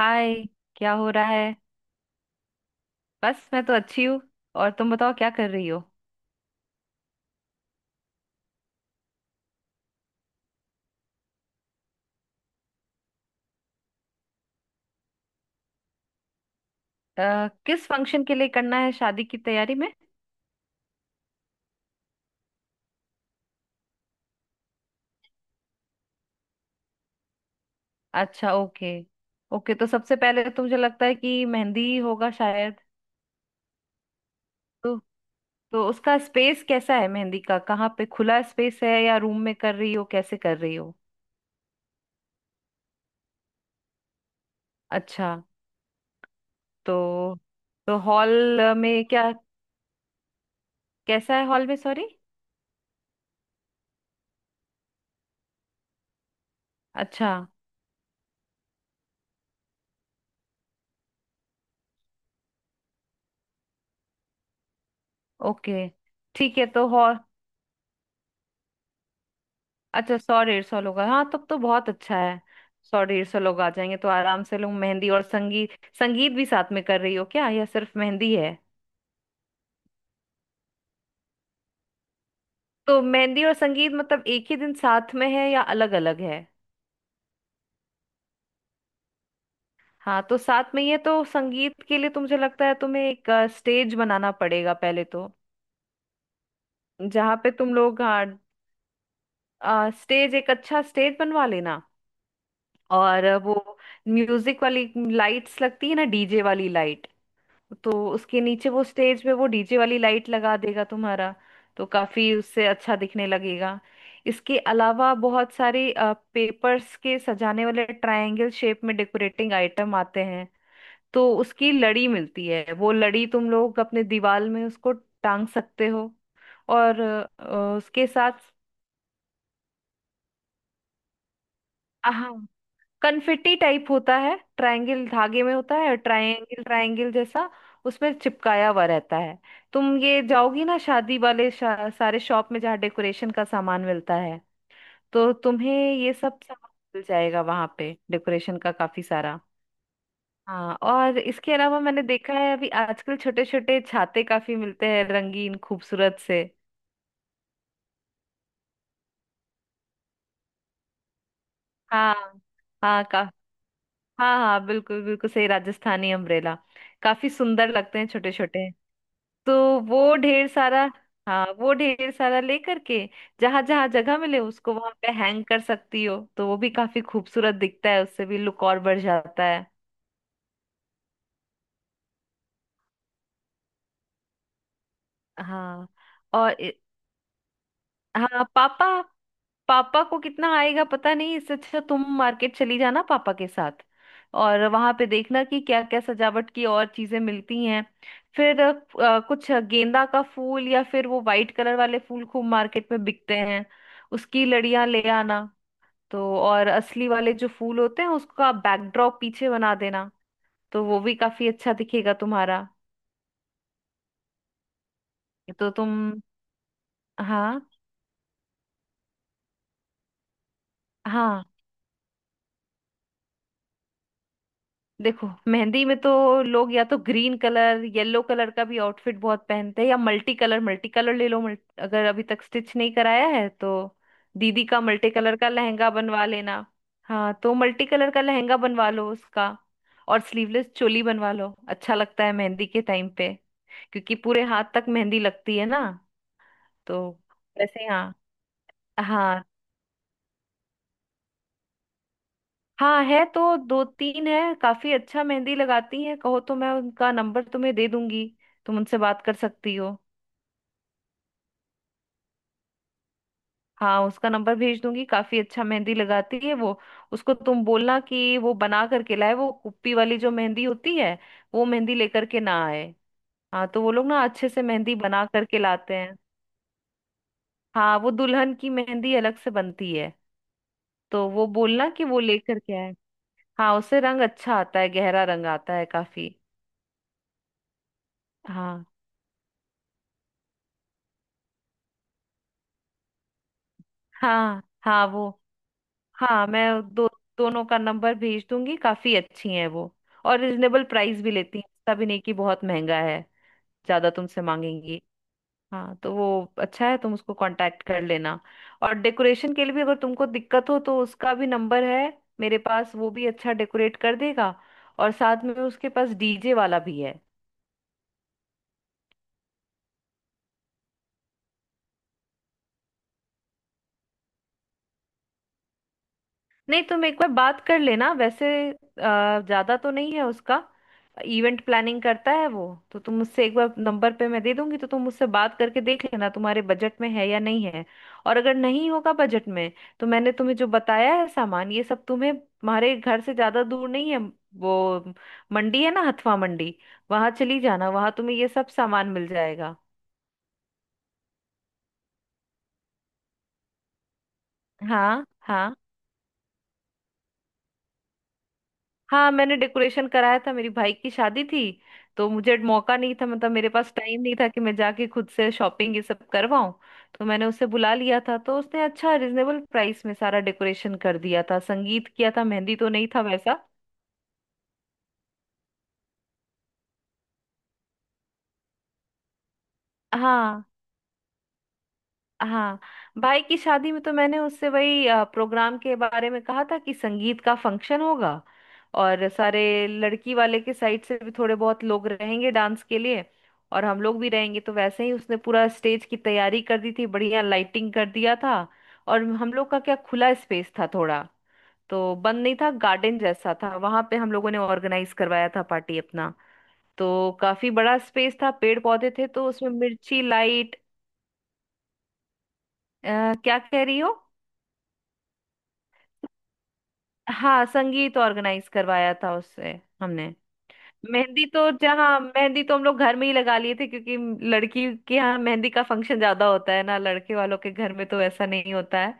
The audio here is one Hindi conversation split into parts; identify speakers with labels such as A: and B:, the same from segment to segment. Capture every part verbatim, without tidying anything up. A: हाय, क्या हो रहा है। बस मैं तो अच्छी हूँ। और तुम बताओ क्या कर रही हो। अ, किस फंक्शन के लिए करना है शादी की तैयारी में। अच्छा, ओके। ओके, तो सबसे पहले तो मुझे लगता है कि मेहंदी होगा शायद। तो तो उसका स्पेस कैसा है मेहंदी का, कहाँ पे खुला स्पेस है या रूम में कर रही हो, कैसे कर रही हो। अच्छा। तो तो हॉल में क्या कैसा है हॉल में, सॉरी। अच्छा, ओके। ठीक है, तो हॉल। अच्छा, सौ डेढ़ सौ लोग हैं। हाँ, तब तो बहुत अच्छा है। सौ डेढ़ सौ लोग आ जाएंगे, तो आराम से लोग मेहंदी और संगीत। संगीत भी साथ में कर रही हो क्या, या सिर्फ मेहंदी है। तो मेहंदी और संगीत मतलब एक ही दिन साथ में है, या अलग अलग है। हाँ, तो साथ में ही है, तो संगीत के लिए तो मुझे लगता है तुम्हें एक स्टेज बनाना पड़ेगा पहले तो। जहाँ पे तुम लोग, हाँ, स्टेज, एक अच्छा स्टेज बनवा लेना। और अ, वो म्यूजिक वाली लाइट्स लगती है ना, डीजे वाली लाइट। तो उसके नीचे वो स्टेज पे वो डीजे वाली लाइट लगा देगा तुम्हारा। तो काफी उससे अच्छा दिखने लगेगा। इसके अलावा बहुत सारे पेपर्स के सजाने वाले ट्रायंगल शेप में डेकोरेटिंग आइटम आते हैं। तो उसकी लड़ी मिलती है, वो लड़ी तुम लोग अपने दीवार में उसको टांग सकते हो। और अ, उसके साथ, हाँ, कन्फिटी टाइप होता है, ट्रायंगल धागे में होता है, ट्रायंगल ट्रायंगल जैसा उसमें चिपकाया हुआ रहता है। तुम ये जाओगी ना शादी वाले, शा, सारे शॉप में जहाँ डेकोरेशन का सामान मिलता है, तो तुम्हें ये सब सामान मिल जाएगा वहां पे, डेकोरेशन का काफी सारा। हाँ, और इसके अलावा मैंने देखा है, अभी आजकल छोटे छोटे छाते काफी मिलते हैं, रंगीन खूबसूरत से। हाँ, हाँ। हाँ हाँ, बिल्कुल बिल्कुल, सही, राजस्थानी अम्ब्रेला। काफी सुंदर लगते हैं, छोटे छोटे। तो वो ढेर सारा, हाँ, वो ढेर सारा लेकर के, जहां जहां जगह मिले उसको वहां पे हैंग कर सकती हो, तो वो भी काफी खूबसूरत दिखता है, उससे भी लुक और बढ़ जाता है। हाँ। और इ- हाँ, पापा, पापा को कितना आएगा पता नहीं, इससे अच्छा तुम मार्केट चली जाना पापा के साथ। और वहां पे देखना कि क्या क्या सजावट की और चीजें मिलती हैं। फिर अ, कुछ गेंदा का फूल या फिर वो वाइट कलर वाले फूल खूब मार्केट में बिकते हैं, उसकी लड़ियां ले आना। तो, और असली वाले जो फूल होते हैं उसका बैकड्रॉप पीछे बना देना, तो वो भी काफी अच्छा दिखेगा तुम्हारा। तो तुम, हाँ, हाँ, देखो मेहंदी में तो लोग या तो ग्रीन कलर, येलो कलर का भी आउटफिट बहुत पहनते हैं, या मल्टी कलर, मल्टी कलर ले लो, मल्ट- अगर अभी तक स्टिच नहीं कराया है तो दीदी का मल्टी कलर का लहंगा बनवा लेना। हाँ, तो मल्टी कलर का लहंगा बनवा लो उसका, और स्लीवलेस चोली बनवा लो, अच्छा लगता है मेहंदी के टाइम पे। क्योंकि पूरे हाथ तक मेहंदी लगती है ना। तो वैसे हाँ, हाँ। हाँ है तो, दो तीन है, काफी अच्छा मेहंदी लगाती है, कहो तो मैं उनका नंबर तुम्हें दे दूंगी, तुम उनसे बात कर सकती हो। हाँ, उसका नंबर भेज दूंगी, काफी अच्छा मेहंदी लगाती है वो। उसको तुम बोलना कि वो बना करके लाए, वो कुप्पी वाली जो मेहंदी होती है, वो मेहंदी लेकर के ना आए। हाँ, तो वो लोग ना अच्छे से मेहंदी बना करके लाते हैं। हाँ, वो दुल्हन की मेहंदी अलग से बनती है, तो वो बोलना कि वो लेकर के आए। हाँ, उससे रंग अच्छा आता है, गहरा रंग आता है काफी। हाँ हाँ, हाँ वो। हाँ मैं दो, दोनों का नंबर भेज दूंगी, काफी अच्छी हैं वो, और रिजनेबल प्राइस भी लेती हैं, ऐसा भी नहीं कि बहुत महंगा है, ज्यादा तुमसे मांगेंगी। हाँ, तो वो अच्छा है, तुम उसको कांटेक्ट कर लेना। और डेकोरेशन के लिए भी अगर तुमको दिक्कत हो, तो उसका भी नंबर है मेरे पास, वो भी अच्छा डेकोरेट कर देगा, और साथ में उसके पास डीजे वाला भी है। नहीं, तुम एक बार बात कर लेना, वैसे अ, ज्यादा तो नहीं है उसका, इवेंट प्लानिंग करता है वो। तो तुम मुझसे एक बार, नंबर पे मैं दे दूंगी, तो तुम मुझसे बात करके देख लेना तुम्हारे बजट में है या नहीं है। और अगर नहीं होगा बजट में, तो मैंने तुम्हें जो बताया है सामान, ये सब तुम्हें, तुम्हारे घर से ज्यादा दूर नहीं है वो मंडी है ना, हथवा मंडी, वहां चली जाना, वहां तुम्हें ये सब सामान मिल जाएगा। हाँ, हाँ। हाँ मैंने डेकोरेशन कराया था, मेरी भाई की शादी थी, तो मुझे मौका नहीं था, मतलब मेरे पास टाइम नहीं था कि मैं जाके खुद से शॉपिंग ये सब करवाऊं, तो मैंने उसे बुला लिया था, तो उसने अच्छा रिजनेबल प्राइस में सारा डेकोरेशन कर दिया था, संगीत किया था, मेहंदी तो नहीं था वैसा। हाँ, हाँ, भाई की शादी में तो मैंने उससे वही अ, प्रोग्राम के बारे में कहा था कि संगीत का फंक्शन होगा, और सारे लड़की वाले के साइड से भी थोड़े बहुत लोग रहेंगे डांस के लिए, और हम लोग भी रहेंगे, तो वैसे ही उसने पूरा स्टेज की तैयारी कर दी थी, बढ़िया लाइटिंग कर दिया था। और हम लोग का क्या, खुला स्पेस था थोड़ा, तो बंद नहीं था, गार्डन जैसा था, वहां पे हम लोगों ने ऑर्गेनाइज करवाया था पार्टी अपना। तो काफी बड़ा स्पेस था, पेड़ पौधे थे, तो उसमें मिर्ची लाइट। क्या कह रही हो। हाँ, संगीत ऑर्गेनाइज करवाया था उससे। हमने मेहंदी तो, जहाँ मेहंदी तो हम लोग घर में ही लगा लिए थे, क्योंकि लड़की के यहाँ मेहंदी का फंक्शन ज्यादा होता है ना, लड़के वालों के घर में तो ऐसा नहीं होता है।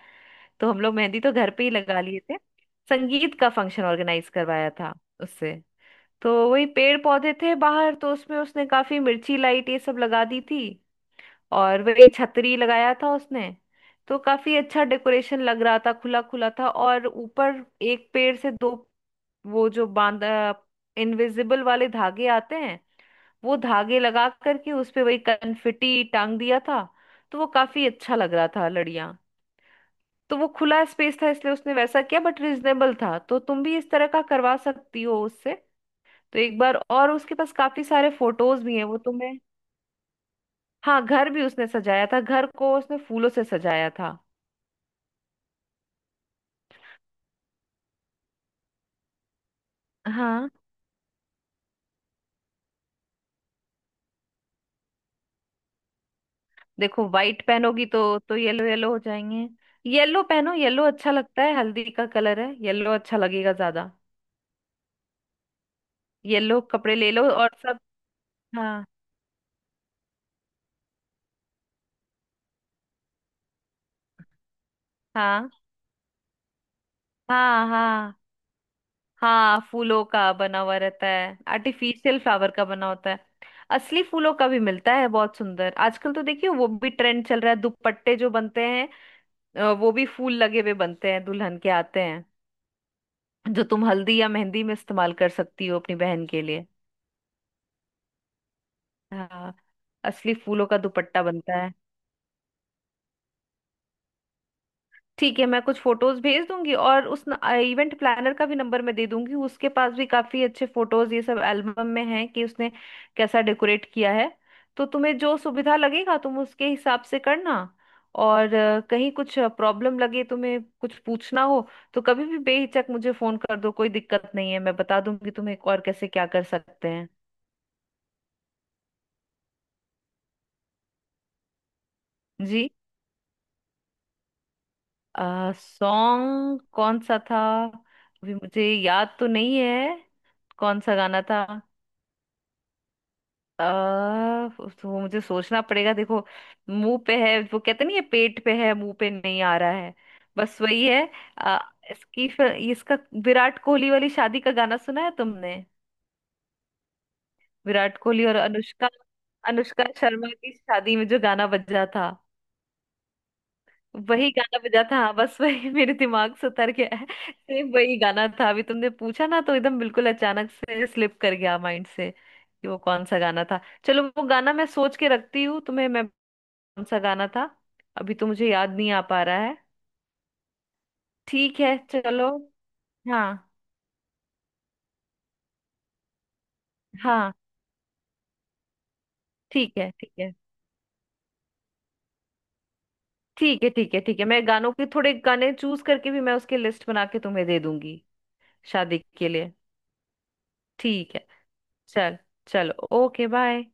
A: तो हम लोग मेहंदी तो घर पे ही लगा लिए थे, संगीत का फंक्शन ऑर्गेनाइज करवाया था उससे। तो वही पेड़ पौधे थे बाहर, तो उसमें उसने काफी मिर्ची लाइट ये सब लगा दी थी, और वही छतरी लगाया था उसने। तो काफी अच्छा डेकोरेशन लग रहा था, खुला खुला था, और ऊपर एक पेड़ से दो, वो जो बांध, इनविजिबल वाले धागे आते हैं, वो धागे लगा करके उस पे वही कनफिटी टांग दिया था, तो वो काफी अच्छा लग रहा था, लड़ियां। तो वो खुला स्पेस था इसलिए उसने वैसा किया, बट रिजनेबल था, तो तुम भी इस तरह का करवा सकती हो उससे। तो एक बार, और उसके पास काफी सारे फोटोज भी हैं वो तुम्हें। हाँ, घर भी उसने सजाया था, घर को उसने फूलों से सजाया था। हाँ, देखो व्हाइट पहनोगी तो तो येलो येलो हो जाएंगे, येलो पहनो, येलो अच्छा लगता है, हल्दी का कलर है येलो, अच्छा लगेगा ज्यादा। येलो कपड़े ले लो, और सब, हाँ, हाँ। हाँ हाँ, हाँ फूलों का बना हुआ रहता है, आर्टिफिशियल फ्लावर का बना होता है। असली फूलों का भी मिलता है, बहुत सुंदर, आजकल तो देखिए वो भी ट्रेंड चल रहा है, दुपट्टे जो बनते हैं, अ, वो भी फूल लगे हुए बनते हैं, दुल्हन के आते हैं, जो तुम हल्दी या मेहंदी में इस्तेमाल कर सकती हो अपनी बहन के लिए। हाँ, असली फूलों का दुपट्टा बनता है। ठीक है, मैं कुछ फोटोज भेज दूंगी, और उस इवेंट प्लानर का भी नंबर मैं दे दूंगी, उसके पास भी काफी अच्छे फोटोज ये सब एल्बम में हैं, कि उसने कैसा डेकोरेट किया है। तो तुम्हें जो सुविधा लगेगा तुम उसके हिसाब से करना। और अ, कहीं कुछ प्रॉब्लम लगे तुम्हें, कुछ पूछना हो, तो कभी भी बेहिचक मुझे फोन कर दो, कोई दिक्कत नहीं है, मैं बता दूंगी तुम्हें और कैसे क्या कर सकते हैं। जी। सॉन्ग कौन सा था। अभी मुझे याद तो नहीं है, कौन सा गाना था। आ, तो मुझे सोचना पड़ेगा, देखो मुंह पे है वो, कहते नहीं है पेट पे है, मुंह पे नहीं आ रहा है, बस वही है। आ, इसकी फिर- इसका विराट कोहली वाली शादी का गाना सुना है तुमने। विराट कोहली और अनुष्का, अनुष्का शर्मा की शादी में जो गाना बजा था, वही गाना बजा था, हाँ, बस वही मेरे दिमाग से उतर गया है। सेम वही गाना था, अभी तुमने पूछा ना तो एकदम बिल्कुल अचानक से स्लिप कर गया माइंड से, कि वो कौन सा गाना था। चलो, वो गाना मैं सोच के रखती हूँ तुम्हें, मैं, कौन सा गाना था, अभी तो मुझे याद नहीं आ पा रहा है। ठीक है, चलो। हाँ, हाँ, ठीक है, ठीक है, ठीक है, ठीक है, ठीक है, मैं गानों के, थोड़े गाने चूज करके भी, मैं उसकी लिस्ट बना के तुम्हें दे दूंगी शादी के लिए। ठीक है। चल, चलो, ओके, बाय।